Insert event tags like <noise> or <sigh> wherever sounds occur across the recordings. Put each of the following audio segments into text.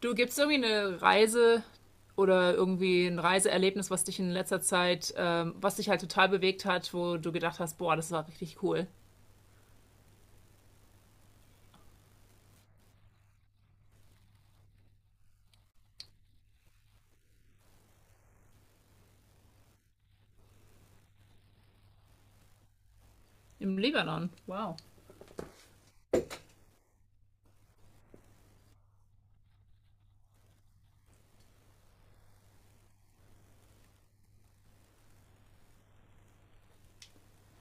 Du gibst irgendwie eine Reise oder irgendwie ein Reiseerlebnis, was dich in letzter Zeit, was dich halt total bewegt hat, wo du gedacht hast, boah, das war richtig cool. Im Libanon. Wow.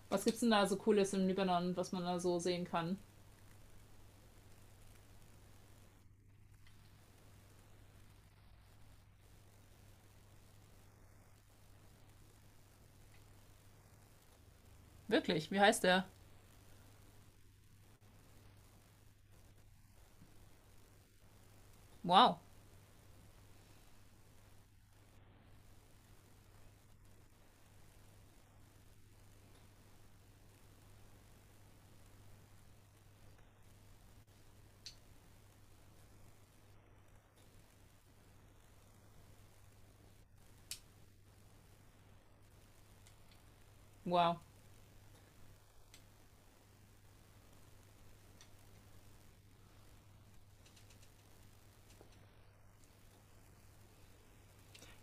Was gibt's denn da so Cooles im Libanon, was man da so sehen kann? Wirklich? Wie heißt der? Wow. Wow.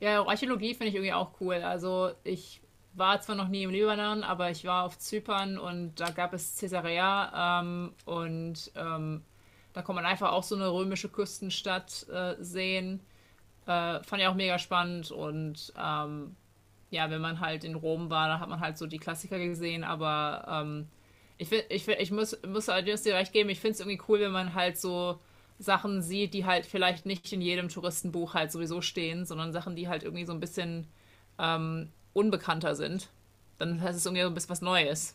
Ja, auch Archäologie finde ich irgendwie auch cool. Also ich war zwar noch nie im Libanon, aber ich war auf Zypern und da gab es Caesarea, da kann man einfach auch so eine römische Küstenstadt sehen. Fand ich auch mega spannend, und ja, wenn man halt in Rom war, da hat man halt so die Klassiker gesehen, aber ich muss allerdings dir recht geben, ich finde es irgendwie cool, wenn man halt so Sachen sieht, die halt vielleicht nicht in jedem Touristenbuch halt sowieso stehen, sondern Sachen, die halt irgendwie so ein bisschen unbekannter sind. Dann heißt es irgendwie so ein bisschen was Neues.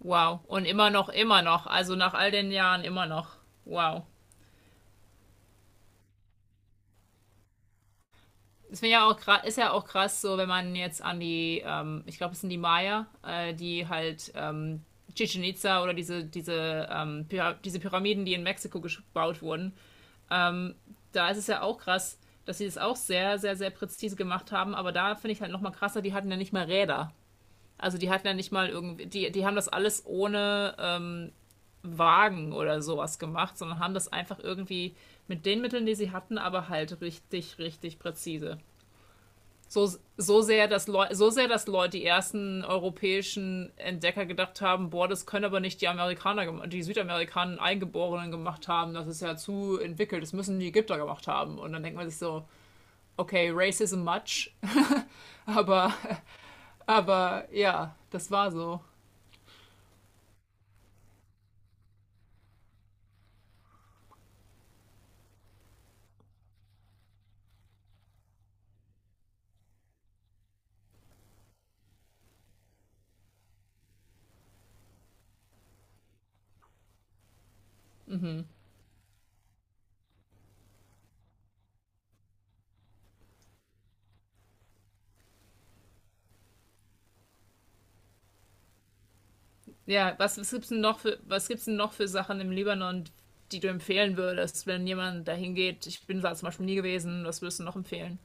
Wow. Und immer noch, immer noch. Also nach all den Jahren immer noch. Wow. Das finde ich ja auch, ist ja auch krass, so wenn man jetzt an die, ich glaube, es sind die Maya, die halt Chichen Itza oder diese Pyramiden, die in Mexiko gebaut wurden, da ist es ja auch krass, dass sie das auch sehr, sehr, sehr präzise gemacht haben. Aber da finde ich halt nochmal krasser, die hatten ja nicht mal Räder. Also die hatten ja nicht mal irgendwie, die haben das alles ohne Wagen oder sowas gemacht, sondern haben das einfach irgendwie mit den Mitteln, die sie hatten, aber halt richtig, richtig präzise. So, so sehr, dass Leute, die ersten europäischen Entdecker gedacht haben, boah, das können aber nicht die Amerikaner, die Südamerikaner Eingeborenen gemacht haben, das ist ja zu entwickelt, das müssen die Ägypter gemacht haben. Und dann denkt man sich so, okay, Racism much, <laughs> aber, aber ja, das war so. Ja, was gibt's denn noch für, was gibt's denn noch für Sachen im Libanon, die du empfehlen würdest, wenn jemand dahin geht? Ich bin da zum Beispiel nie gewesen, was würdest du noch empfehlen?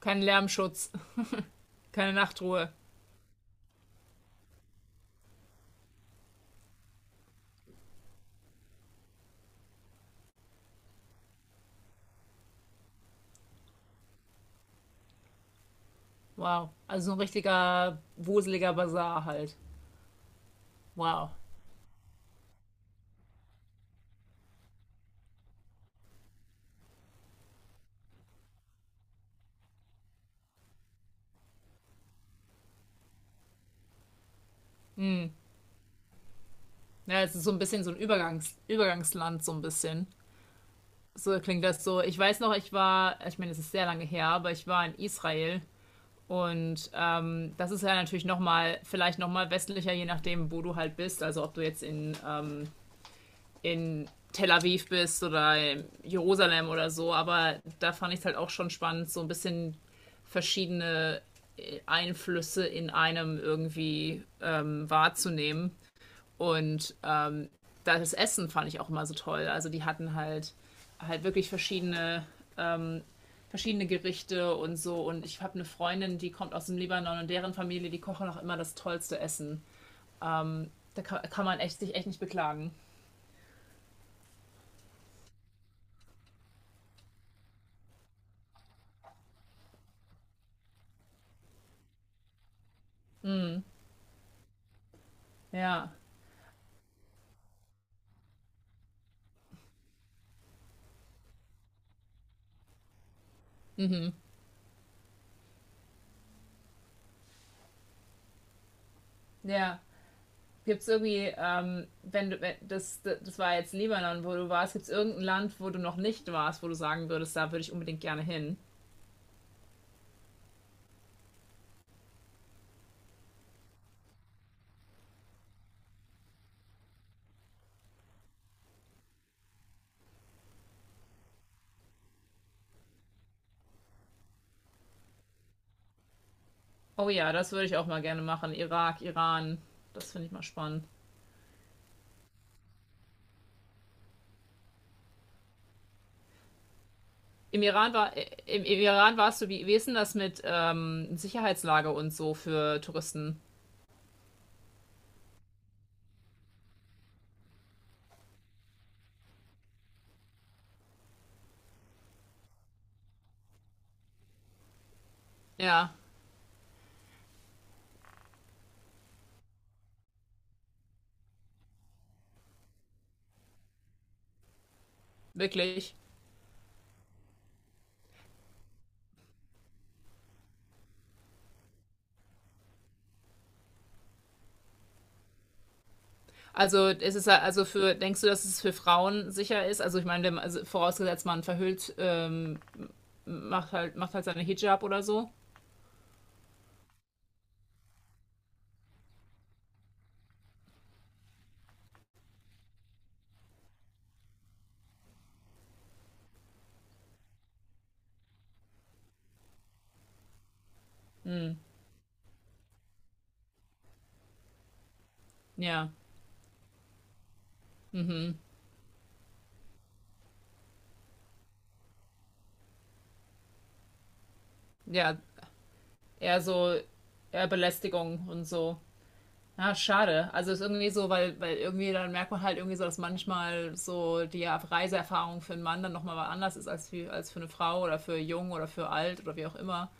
Keinen Lärmschutz, keine Nachtruhe. Wow. Also so ein richtiger wuseliger Basar halt. Wow. Ja, es ist so ein bisschen so ein Übergangsland, so ein bisschen. So klingt das so. Ich weiß noch, ich war, ich meine, es ist sehr lange her, aber ich war in Israel. Und das ist ja natürlich nochmal, vielleicht nochmal westlicher, je nachdem, wo du halt bist. Also ob du jetzt in Tel Aviv bist oder in Jerusalem oder so. Aber da fand ich es halt auch schon spannend, so ein bisschen verschiedene Einflüsse in einem irgendwie wahrzunehmen. Und das Essen fand ich auch immer so toll. Also die hatten halt wirklich verschiedene Gerichte und so. Und ich habe eine Freundin, die kommt aus dem Libanon und deren Familie, die kochen auch immer das tollste Essen. Da kann man echt, sich echt nicht beklagen. Ja, ja. Gibt es irgendwie, wenn du, wenn, das war jetzt Libanon, wo du warst, gibt es irgendein Land, wo du noch nicht warst, wo du sagen würdest, da würde ich unbedingt gerne hin? Oh ja, das würde ich auch mal gerne machen. Irak, Iran, das finde ich mal spannend. Im Iran war, im Iran warst du, wie, wie ist denn das mit Sicherheitslage und so für Touristen? Ja, wirklich. Also ist es ja- also für, denkst du, dass es für Frauen sicher ist? Also ich meine, wenn man, also vorausgesetzt man verhüllt, macht halt seine Hijab oder so. Ja. Ja, eher so, eher Belästigung und so. Ah, schade. Also ist irgendwie so, weil, weil irgendwie dann merkt man halt irgendwie so, dass manchmal so die Reiseerfahrung für einen Mann dann nochmal was anders ist als für eine Frau oder für jung oder für alt oder wie auch immer.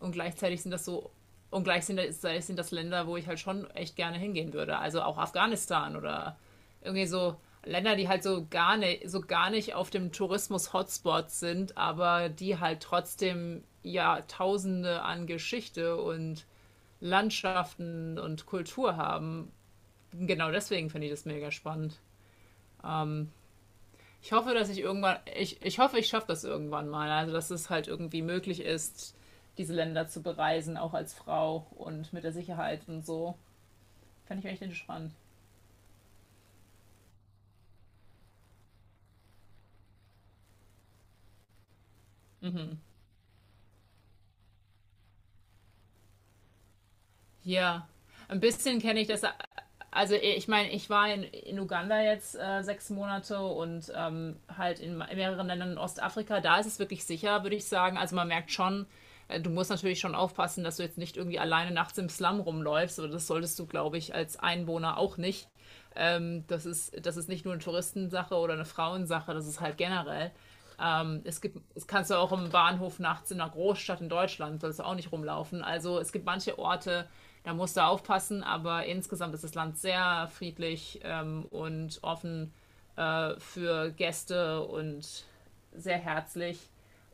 Und gleichzeitig sind das so, und gleichzeitig sind das Länder, wo ich halt schon echt gerne hingehen würde. Also auch Afghanistan oder irgendwie so Länder, die halt so gar nicht auf dem Tourismus-Hotspot sind, aber die halt trotzdem Jahrtausende an Geschichte und Landschaften und Kultur haben. Genau deswegen finde ich das mega spannend. Ich hoffe, dass ich irgendwann, ich hoffe, ich schaffe das irgendwann mal. Also, dass es halt irgendwie möglich ist, diese Länder zu bereisen, auch als Frau und mit der Sicherheit und so. Fände ich echt spannend. Ja, ein bisschen kenne ich das. Also e, ich meine, ich war in Uganda jetzt 6 Monate und halt in mehreren Ländern in Ostafrika. Da ist es wirklich sicher, würde ich sagen. Also man merkt schon, du musst natürlich schon aufpassen, dass du jetzt nicht irgendwie alleine nachts im Slum rumläufst. Oder das solltest du, glaube ich, als Einwohner auch nicht. Das ist nicht nur eine Touristensache oder eine Frauensache, das ist halt generell. Es gibt, es kannst du auch im Bahnhof nachts in einer Großstadt in Deutschland, sollst du auch nicht rumlaufen. Also es gibt manche Orte, da musst du aufpassen, aber insgesamt ist das Land sehr friedlich, und offen für Gäste und sehr herzlich.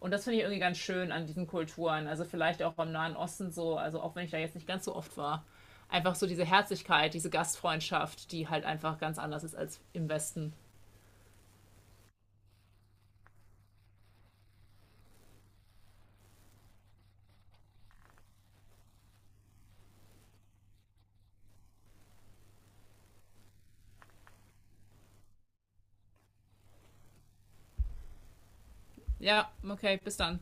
Und das finde ich irgendwie ganz schön an diesen Kulturen. Also vielleicht auch am Nahen Osten so, also auch wenn ich da jetzt nicht ganz so oft war. Einfach so diese Herzlichkeit, diese Gastfreundschaft, die halt einfach ganz anders ist als im Westen. Ja, okay, bis dann.